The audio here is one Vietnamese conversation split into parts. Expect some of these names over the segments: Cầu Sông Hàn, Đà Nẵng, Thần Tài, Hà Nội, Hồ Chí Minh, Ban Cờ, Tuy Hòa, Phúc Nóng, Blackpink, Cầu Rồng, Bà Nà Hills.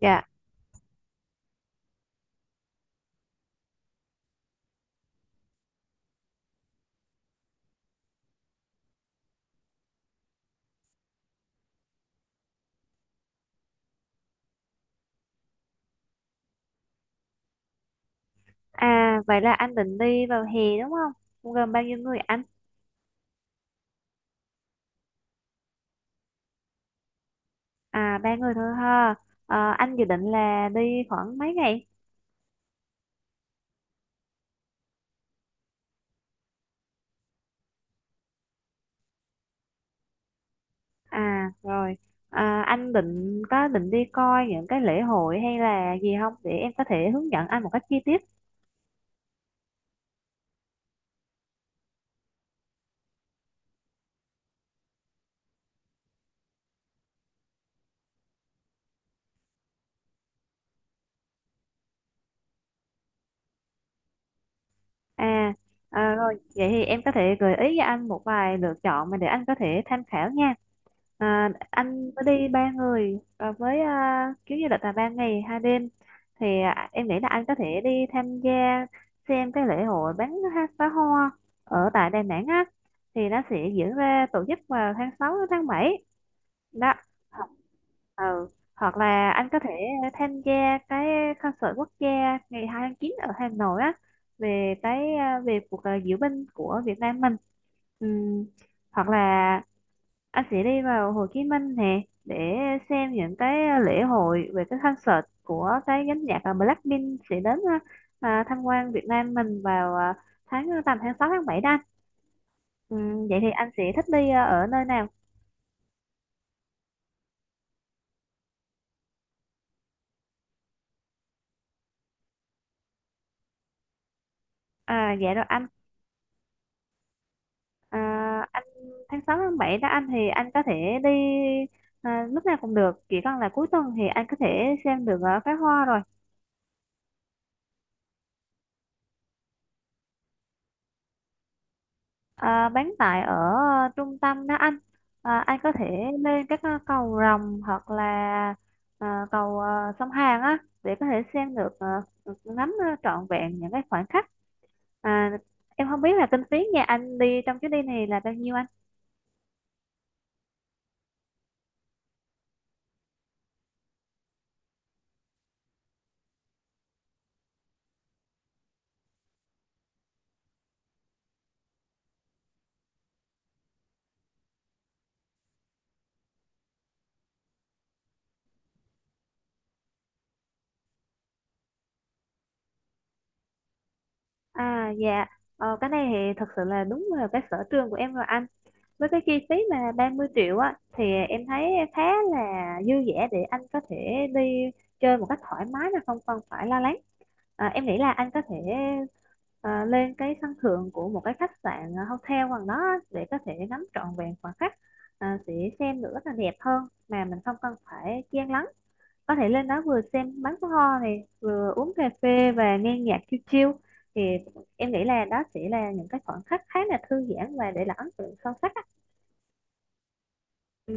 Dạ, vậy là anh định đi vào hè đúng không? Cũng gồm bao nhiêu người anh? À, ba người thôi ha. Ờ, anh dự định là đi khoảng mấy ngày? À rồi, anh có định đi coi những cái lễ hội hay là gì không để em có thể hướng dẫn anh một cách chi tiết. À, à rồi, vậy thì em có thể gợi ý cho anh một vài lựa chọn mà để anh có thể tham khảo nha. À, anh có đi ba người với chuyến du lịch là ba ngày hai đêm thì em nghĩ là anh có thể đi tham gia xem cái lễ hội pháo hoa ở tại Đà Nẵng á, thì nó sẽ diễn ra tổ chức vào tháng 6 đến tháng 7 đó. Hoặc- ừ. Hoặc là anh có thể tham gia cái concert quốc gia ngày 2 tháng 9 ở Hà Nội á, về cái về cuộc diễu binh của Việt Nam mình. Ừm, hoặc là anh sẽ đi vào Hồ Chí Minh nè để xem những cái lễ hội về cái concert của cái nhóm nhạc Blackpink sẽ đến tham quan Việt Nam mình vào tháng tầm tháng 6 tháng 7 đó anh. Vậy thì anh sẽ thích đi ở nơi nào? À, dạ rồi anh. À, anh tháng 6 tháng 7 đó anh thì anh có thể đi lúc nào cũng được, chỉ cần là cuối tuần thì anh có thể xem được pháo hoa rồi. À, bán tại ở trung tâm đó anh. À, anh có thể lên các cầu Rồng hoặc là cầu sông Hàn á, để có thể xem được ngắm trọn vẹn những cái khoảnh khắc. À, em không biết là kinh phí nhà anh đi trong chuyến đi này là bao nhiêu anh. À dạ, ờ, cái này thì thật sự là đúng là cái sở trường của em rồi anh. Với cái chi phí mà 30 triệu á thì em thấy khá là dư dả để anh có thể đi chơi một cách thoải mái mà không cần phải lo lắng. À, em nghĩ là anh có thể lên cái sân thượng của một cái khách sạn, hotel gần đó á, để có thể ngắm trọn vẹn khoảng khắc, sẽ xem được rất là đẹp hơn mà mình không cần phải chen lấn. Có thể lên đó vừa xem bắn pháo hoa này, vừa uống cà phê và nghe nhạc chill chill, thì em nghĩ là đó sẽ là những cái khoảnh khắc khá là thư giãn và để lại ấn tượng sâu sắc á. Ừ.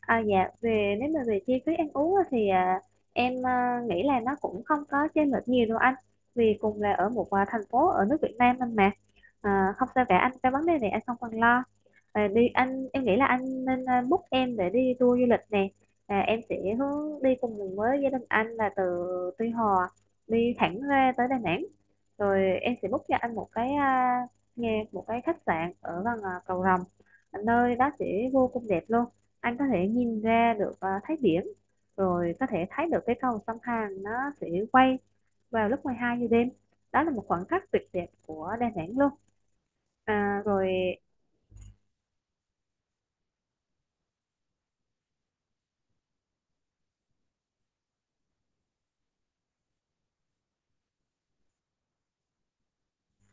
À dạ, về nếu mà về chi phí ăn uống á thì em nghĩ là nó cũng không có chênh lệch nhiều đâu anh, vì cùng là ở một thành phố ở nước Việt Nam anh mà. À, không sao cả anh, cái vấn đề này anh không cần lo. À, đi anh, em nghĩ là anh nên book em để đi tour du lịch nè. À, em sẽ hướng đi cùng với gia đình anh là từ Tuy Hòa đi thẳng ra tới Đà Nẵng, rồi em sẽ book cho anh một cái nghe một cái khách sạn ở gần Cầu Rồng. Nơi đó sẽ vô cùng đẹp luôn. Anh có thể nhìn ra được thấy điểm, rồi có thể thấy được cái cầu sông Hàn, nó sẽ quay vào lúc 12 giờ đêm, đó là một khoảnh khắc tuyệt đẹp của Đà Nẵng luôn. À, rồi.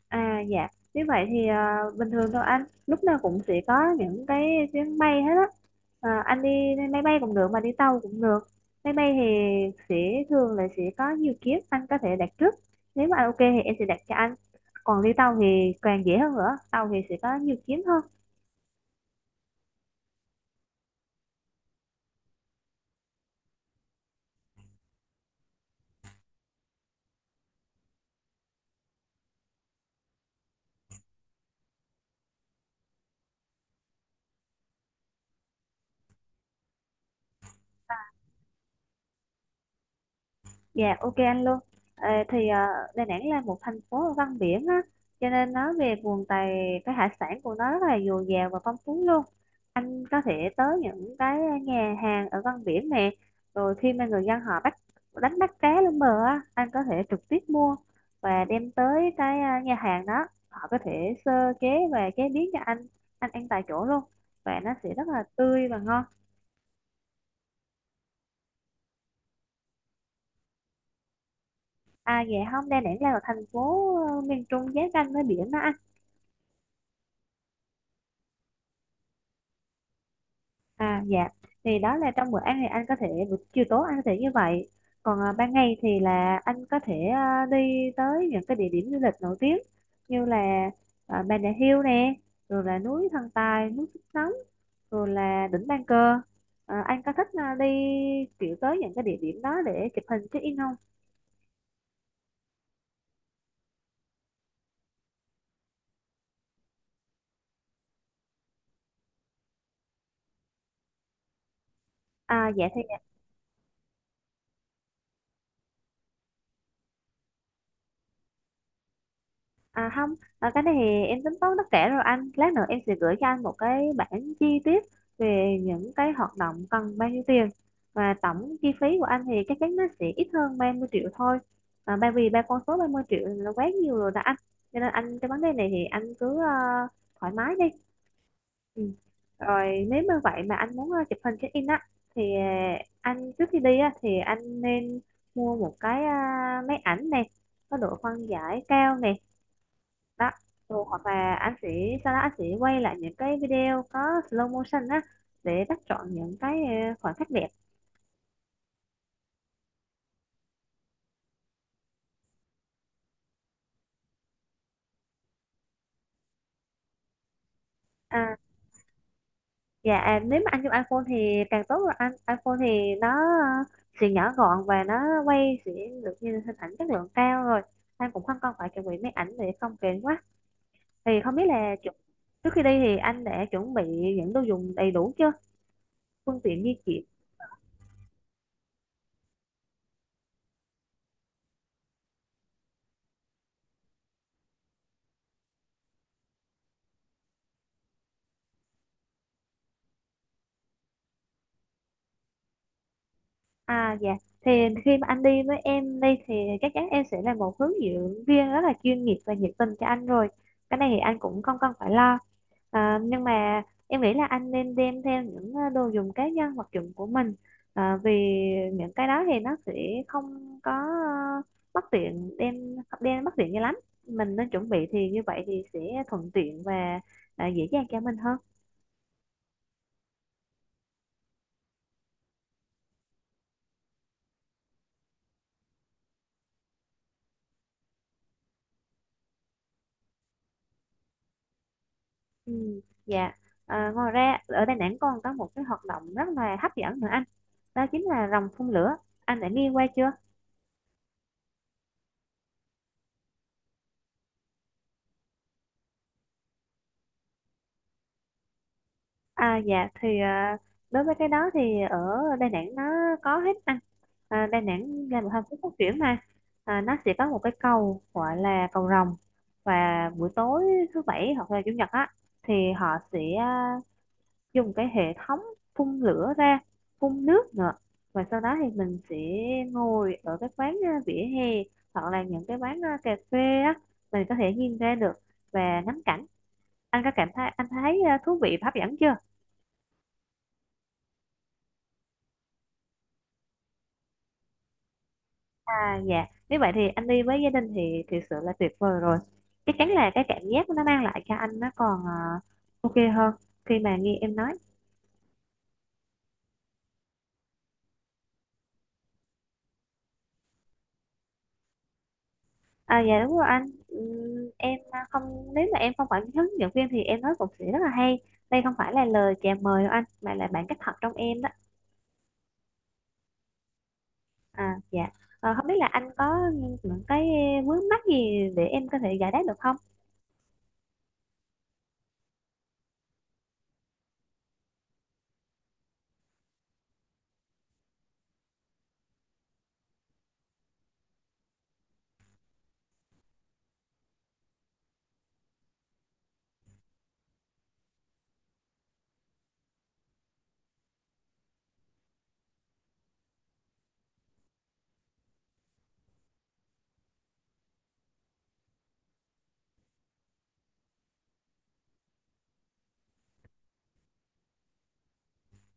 À dạ, như vậy thì bình thường thôi anh, lúc nào cũng sẽ có những cái chuyến bay hết á. À, anh đi máy bay cũng được mà đi tàu cũng được. Máy bay thì thường là sẽ có nhiều kiếp anh có thể đặt trước, nếu mà anh ok thì em sẽ đặt cho anh. Còn đi tàu thì càng dễ hơn nữa, tàu thì sẽ có nhiều chuyến hơn. Dạ ok anh luôn. À, thì Đà Nẵng là một thành phố văn biển á, cho nên nói về nguồn tài, cái hải sản của nó rất là dồi dào và phong phú luôn. Anh có thể tới những cái nhà hàng ở văn biển nè, rồi khi mà người dân họ bắt, đánh bắt cá lên bờ á, anh có thể trực tiếp mua và đem tới cái nhà hàng đó, họ có thể sơ chế và chế biến cho anh ăn tại chỗ luôn, và nó sẽ rất là tươi và ngon. À dạ, không, Đà Nẵng là một thành phố miền Trung giáp ranh với biển đó anh. À dạ, thì đó là trong bữa ăn thì anh có thể buổi chiều tối anh có thể như vậy. Còn ban ngày thì là anh có thể đi tới những cái địa điểm du lịch nổi tiếng như là Bà Nà Hills nè, rồi là núi Thần Tài, núi Phúc Nóng, rồi là đỉnh Ban Cờ. À, anh có thích đi kiểu tới những cái địa điểm đó để chụp hình check in không? À dạ thì À không, cái này thì em tính toán tất cả rồi anh. Lát nữa em sẽ gửi cho anh một cái bảng chi tiết về những cái hoạt động cần bao nhiêu tiền. Và tổng chi phí của anh thì chắc chắn nó sẽ ít hơn 30 triệu thôi. À, bởi vì ba con số 30 triệu là quá nhiều rồi đó anh. Cho nên anh cái vấn đề này thì anh cứ thoải mái đi. Ừ. Rồi nếu như vậy mà anh muốn chụp hình check-in á thì anh trước khi đi á thì anh nên mua một cái máy ảnh này có độ phân giải cao nè đó. Ừ, hoặc là anh sẽ sau đó anh sẽ quay lại những cái video có slow motion á để bắt chọn những cái khoảnh khắc đẹp. À dạ, nếu mà anh dùng iPhone thì càng tốt rồi anh, iPhone thì nó sẽ nhỏ gọn và nó quay sẽ được như hình ảnh chất lượng cao rồi, anh cũng không cần phải chuẩn bị máy ảnh để không kén quá. Thì không biết là trước khi đi thì anh đã chuẩn bị những đồ dùng đầy đủ chưa, phương tiện di chuyển. À dạ, thì khi mà anh đi với em đi thì chắc chắn em sẽ là một hướng dẫn viên rất là chuyên nghiệp và nhiệt tình cho anh rồi. Cái này thì anh cũng không cần phải lo. À, nhưng mà em nghĩ là anh nên đem theo những đồ dùng cá nhân, vật dụng của mình. À, vì những cái đó thì nó sẽ không có bất tiện đem, đem bất tiện cho lắm. Mình nên chuẩn bị thì như vậy thì sẽ thuận tiện và dễ dàng cho mình hơn. Ừ, dạ. À, ngoài ra ở Đà Nẵng còn có một cái hoạt động rất là hấp dẫn nữa anh, đó chính là rồng phun lửa, anh đã nghe qua chưa? À dạ thì đối với cái đó thì ở Đà Nẵng nó có hết anh. À, Đà Nẵng là một thành phố phát triển mà. À, nó sẽ có một cái cầu gọi là cầu rồng, và buổi tối thứ bảy hoặc là chủ nhật á thì họ sẽ dùng cái hệ thống phun lửa ra, phun nước nữa, và sau đó thì mình sẽ ngồi ở cái quán vỉa hè hoặc là những cái quán cà phê á, mình có thể nhìn ra được và ngắm cảnh. Anh có cảm thấy anh thấy thú vị và hấp dẫn chưa? À dạ, nếu vậy thì anh đi với gia đình thì thực sự là tuyệt vời rồi. Chắc chắn là cái cảm giác nó mang lại cho anh nó còn ok hơn khi mà nghe em nói. À dạ đúng rồi anh. Em không, nếu mà em không phải hướng dẫn viên thì em nói cũng sẽ rất là hay. Đây không phải là lời chào mời đâu anh, mà là bản cách thật trong em đó. À dạ. Ờ, không biết là anh có những cái vướng mắc gì để em có thể giải đáp được không?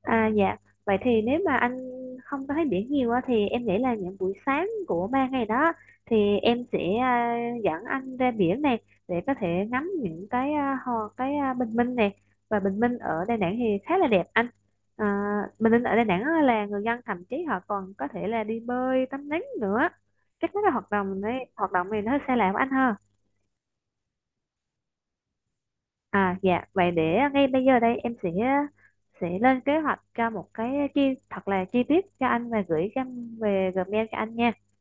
À dạ, vậy thì nếu mà anh không có thấy biển nhiều á, thì em nghĩ là những buổi sáng của ba ngày đó thì em sẽ dẫn anh ra biển này để có thể ngắm những cái bình minh này, và bình minh ở Đà Nẵng thì khá là đẹp anh. À, bình minh ở Đà Nẵng á là người dân thậm chí họ còn có thể là đi bơi, tắm nắng nữa. Các cái hoạt động này nó hơi xa lạ với anh ha. À dạ, vậy để ngay bây giờ đây em sẽ lên kế hoạch cho một cái chi thật là chi tiết cho anh và gửi cho anh về Gmail cho anh nha.